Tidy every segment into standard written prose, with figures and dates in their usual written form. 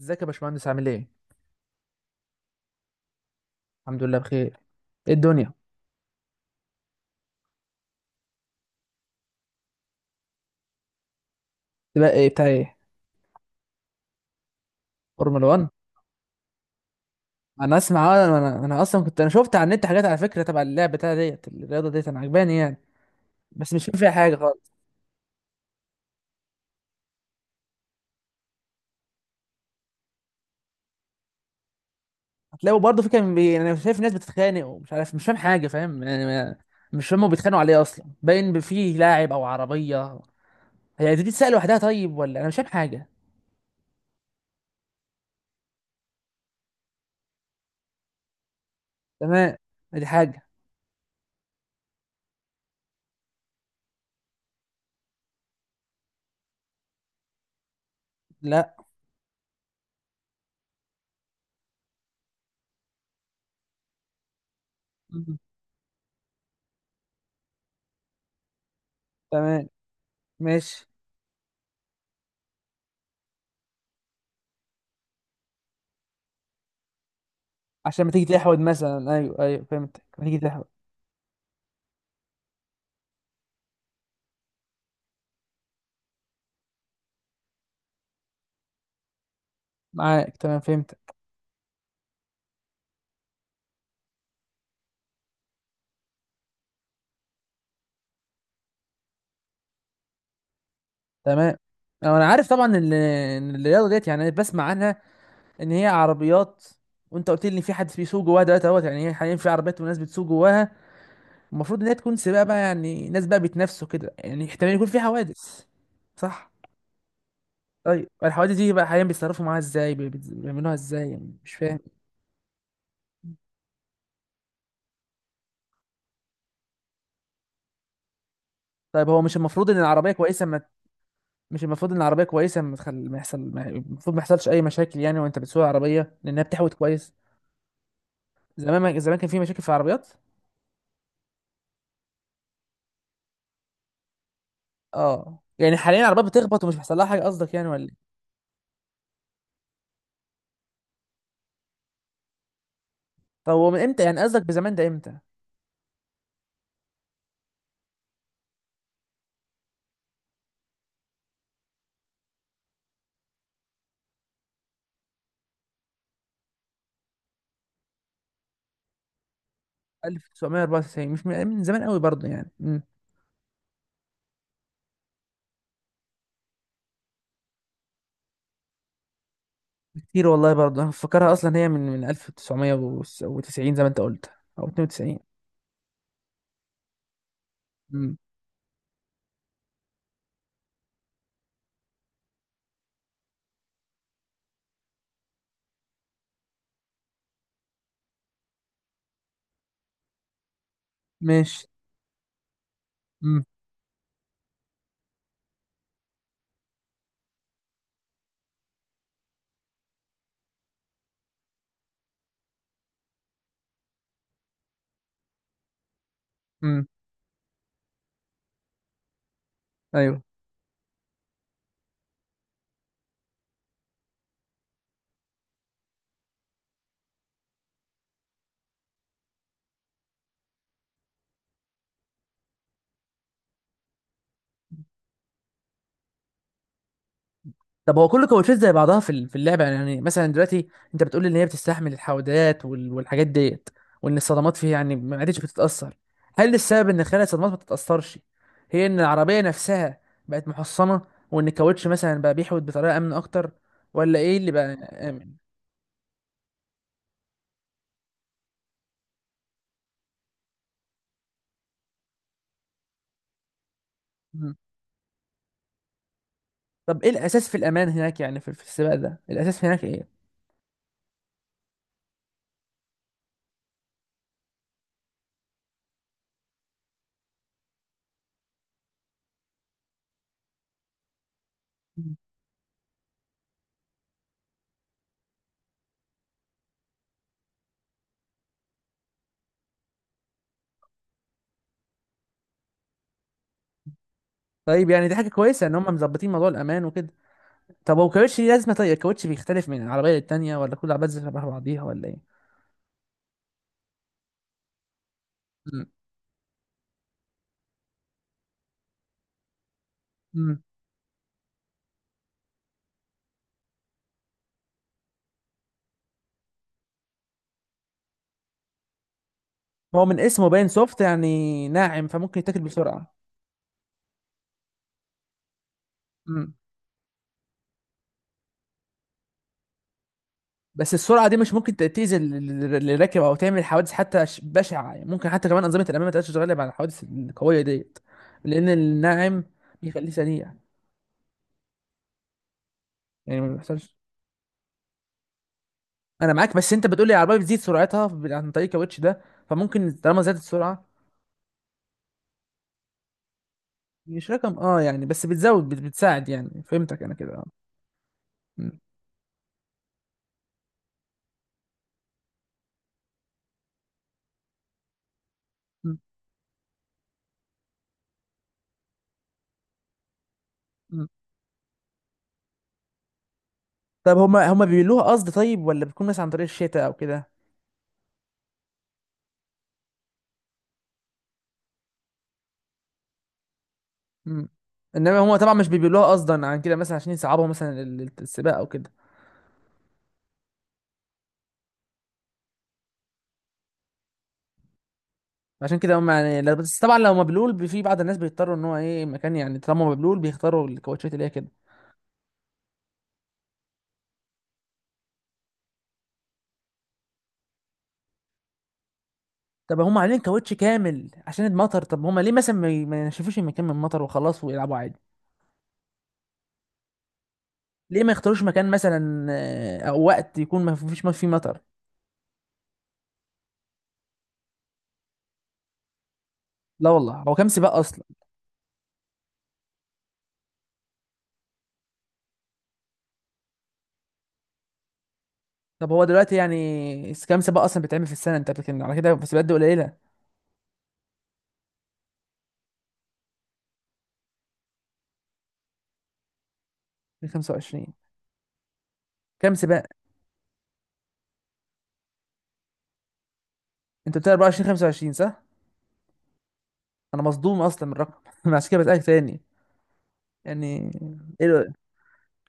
ازيك يا باشمهندس؟ عامل ايه؟ الحمد لله بخير. ايه الدنيا؟ تبقى ايه بتاع ايه؟ فورمولا 1. انا اسمع انا اصلا كنت انا شفت على النت حاجات على فكره تبع اللعبه بتاع ديت الرياضه ديت انا عجباني يعني. بس مش فاهم فيها حاجه خالص. هتلاقوا برضه في كان انا شايف ناس بتتخانق ومش عارف مش فاهم حاجه فاهم يعني مش فاهم هما بيتخانقوا عليه اصلا باين فيه لاعب او عربيه. هي دي تتسال لوحدها طيب؟ ولا انا مش فاهم حاجه؟ تمام. ادي حاجه. لا. مم. تمام. ماشي. عشان ما تيجي تحود مثلا، ايوه ايوه، فهمتك، ما تيجي تحود. معاك، تمام، فهمت. تمام. انا عارف طبعا ان الرياضه ديت يعني أنا بسمع عنها. ان هي عربيات، وانت قلت لي ان في حد بيسوق جواها دلوقتي اهوت، يعني هي حاليا في عربيات وناس بتسوق جواها. المفروض ان هي تكون سباق بقى، يعني ناس بقى بيتنافسوا كده، يعني احتمال يكون في حوادث. صح. طيب الحوادث دي بقى حاليا بيتصرفوا معاها ازاي؟ بيعملوها ازاي يعني؟ مش فاهم. طيب هو مش المفروض ان العربيه كويسه ما... مش المفروض ان العربيه كويسه ما تخل... ما يحصل ما... المفروض ما يحصلش اي مشاكل يعني وانت بتسوق العربيه لانها بتحوط كويس؟ زمان ما... زمان كان في مشاكل في العربيات. اه يعني حاليا العربية بتخبط ومش بيحصل لها حاجة قصدك يعني، ولا ايه؟ طب هو من امتى يعني قصدك بزمان ده امتى؟ 1994 مش من زمان قوي برضه يعني. مم. كتير والله برضه. انا فاكرها اصلا هي من 1990 زي ما انت قلت، او 92. مم. ماشي. مم. مم. ايوه. طب هو كل الكوتشات زي بعضها في اللعبه يعني مثلا دلوقتي انت بتقول لي ان هي بتستحمل الحودات والحاجات ديت، وان الصدمات فيها يعني ما عادتش بتتاثر. هل السبب ان خلال الصدمات ما تتاثرش هي ان العربيه نفسها بقت محصنه، وان الكاوتش مثلا بقى بيحود بطريقه امن اكتر؟ ولا ايه اللي بقى؟ امن. مم. طب ايه الاساس في الامان هناك؟ يعني في السباق ده الاساس هناك ايه؟ مم. طيب، يعني دي حاجه كويسه ان هم مظبطين موضوع الامان وكده. طب هو الكاوتش ليه لازمه؟ طيب الكاوتش بيختلف من العربيه للتانيه، ولا كل العربيات زي شبه بعضيها ولا ايه؟ مم. هو من اسمه باين سوفت يعني ناعم، فممكن يتاكل بسرعه. مم. بس السرعه دي مش ممكن تأذي اللي راكب او تعمل حوادث حتى بشعه؟ يعني ممكن حتى كمان انظمه الامام ما تقدرش تتغلب على الحوادث القويه ديت؟ لان الناعم بيخليه سريع، يعني ما بيحصلش. انا معاك، بس انت بتقول لي العربيه بتزيد سرعتها عن طريق الكاوتش ده، فممكن طالما زادت السرعه. مش رقم، اه يعني، بس بتزود بتساعد، يعني فهمتك انا كده. اه. مم. مم. مم. طب هما بيقولوها قصد طيب، ولا بتكون مثلا عن طريق الشتاء او كده؟ مم. انما هم طبعا مش بيبيلوها قصدا عن كده مثلا عشان يصعبوا مثلا السباق او كده. عشان كده هم يعني بس طبعا لو مبلول في بعض الناس بيضطروا ان هو ايه مكان، يعني طالما مبلول بيختاروا الكاوتشات اللي هي كده. طب هم عاملين كاوتش كامل عشان المطر، طب هم ليه مثلا ما ينشفوش المكان من المطر وخلاص ويلعبوا عادي؟ ليه ما يختاروش مكان مثلا، او وقت يكون ما فيش ما فيه مطر؟ لا والله، هو كام سباق اصلا؟ طب هو دلوقتي يعني كام سباق اصلا بيتعمل في السنه؟ انت بتتكلم على كده في سباقات دي قليله. 25 كام سباق؟ انت بتقول 24 25 صح؟ انا مصدوم اصلا من الرقم عشان كده بسالك تاني يعني. ايه ده؟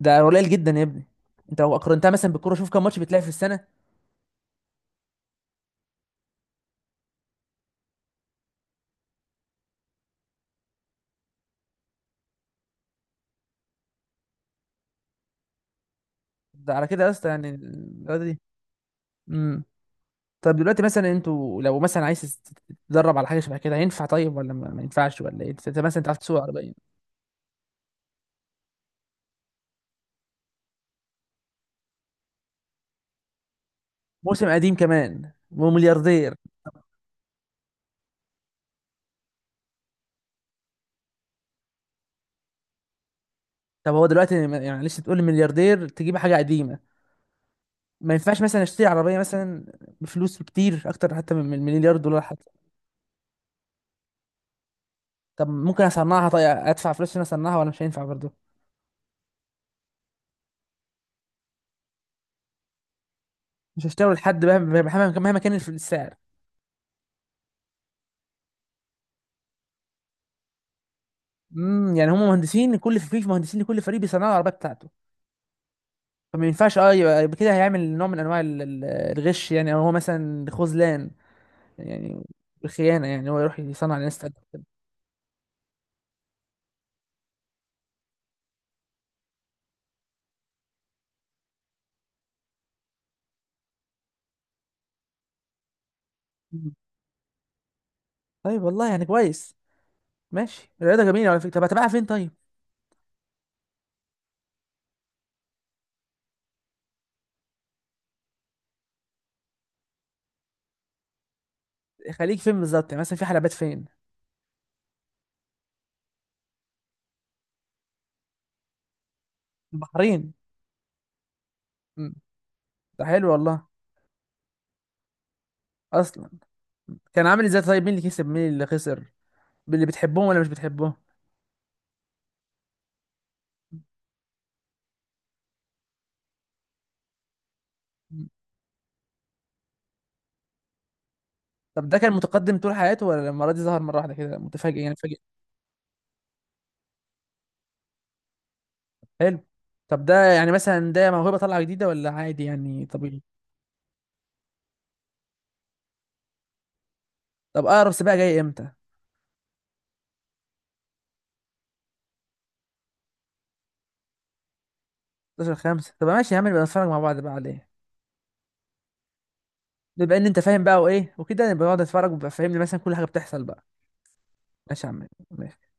ده قليل جدا يا ابني. انت لو قارنتها مثلا بالكوره شوف كم ماتش بتلعب في السنه. ده على كده يا اسطى يعني الرياضه دي. امم. طب دلوقتي مثلا انتوا لو مثلا عايز تتدرب على حاجه شبه كده هينفع طيب، ولا ما ينفعش ولا ايه؟ انت مثلا تعرف تسوق عربيه؟ موسم قديم كمان وملياردير؟ طب هو دلوقتي يعني معلش تقول لي ملياردير تجيب حاجه قديمه؟ ما ينفعش مثلا اشتري عربيه مثلا بفلوس كتير اكتر حتى من المليار دولار؟ طب ممكن اصنعها؟ طيب ادفع فلوس عشان اصنعها ولا مش هينفع برضه؟ مش هشتغل لحد؟ مهما كان السعر. يعني هم مهندسين كل فريق؟ مهندسين لكل فريق بيصنعوا العربيه بتاعته؟ فما ينفعش يبقى كده هيعمل نوع من انواع الغش يعني، او هو مثلا خذلان يعني، الخيانه يعني، هو يروح يصنع لناس تانية كده. مم. طيب والله، يعني كويس. ماشي. الرياضه جميله على فكره. طب هتبقى فين طيب؟ خليك فين بالظبط يعني، مثلا في حلبات فين؟ البحرين. مم. ده حلو والله. اصلا كان عامل ازاي طيب؟ مين اللي كسب مين اللي خسر؟ اللي بتحبهم ولا مش بتحبهم؟ طب ده كان متقدم طول حياته، ولا المرة دي ظهر مرة واحدة كده؟ متفاجئ يعني فجأة. حلو. طب ده يعني مثلا ده موهبة طالعة جديدة، ولا عادي يعني طبيعي؟ طب أقرب سباق جاي إمتى؟ 11/5؟ طب ماشي يا عم، نبقى نتفرج مع بعض بقى عليه. بما إن أنت فاهم بقى وإيه وكده، نبقى نقعد نتفرج وبقى فاهمني مثلا كل حاجة بتحصل بقى. ماشي يا عم، ماشي.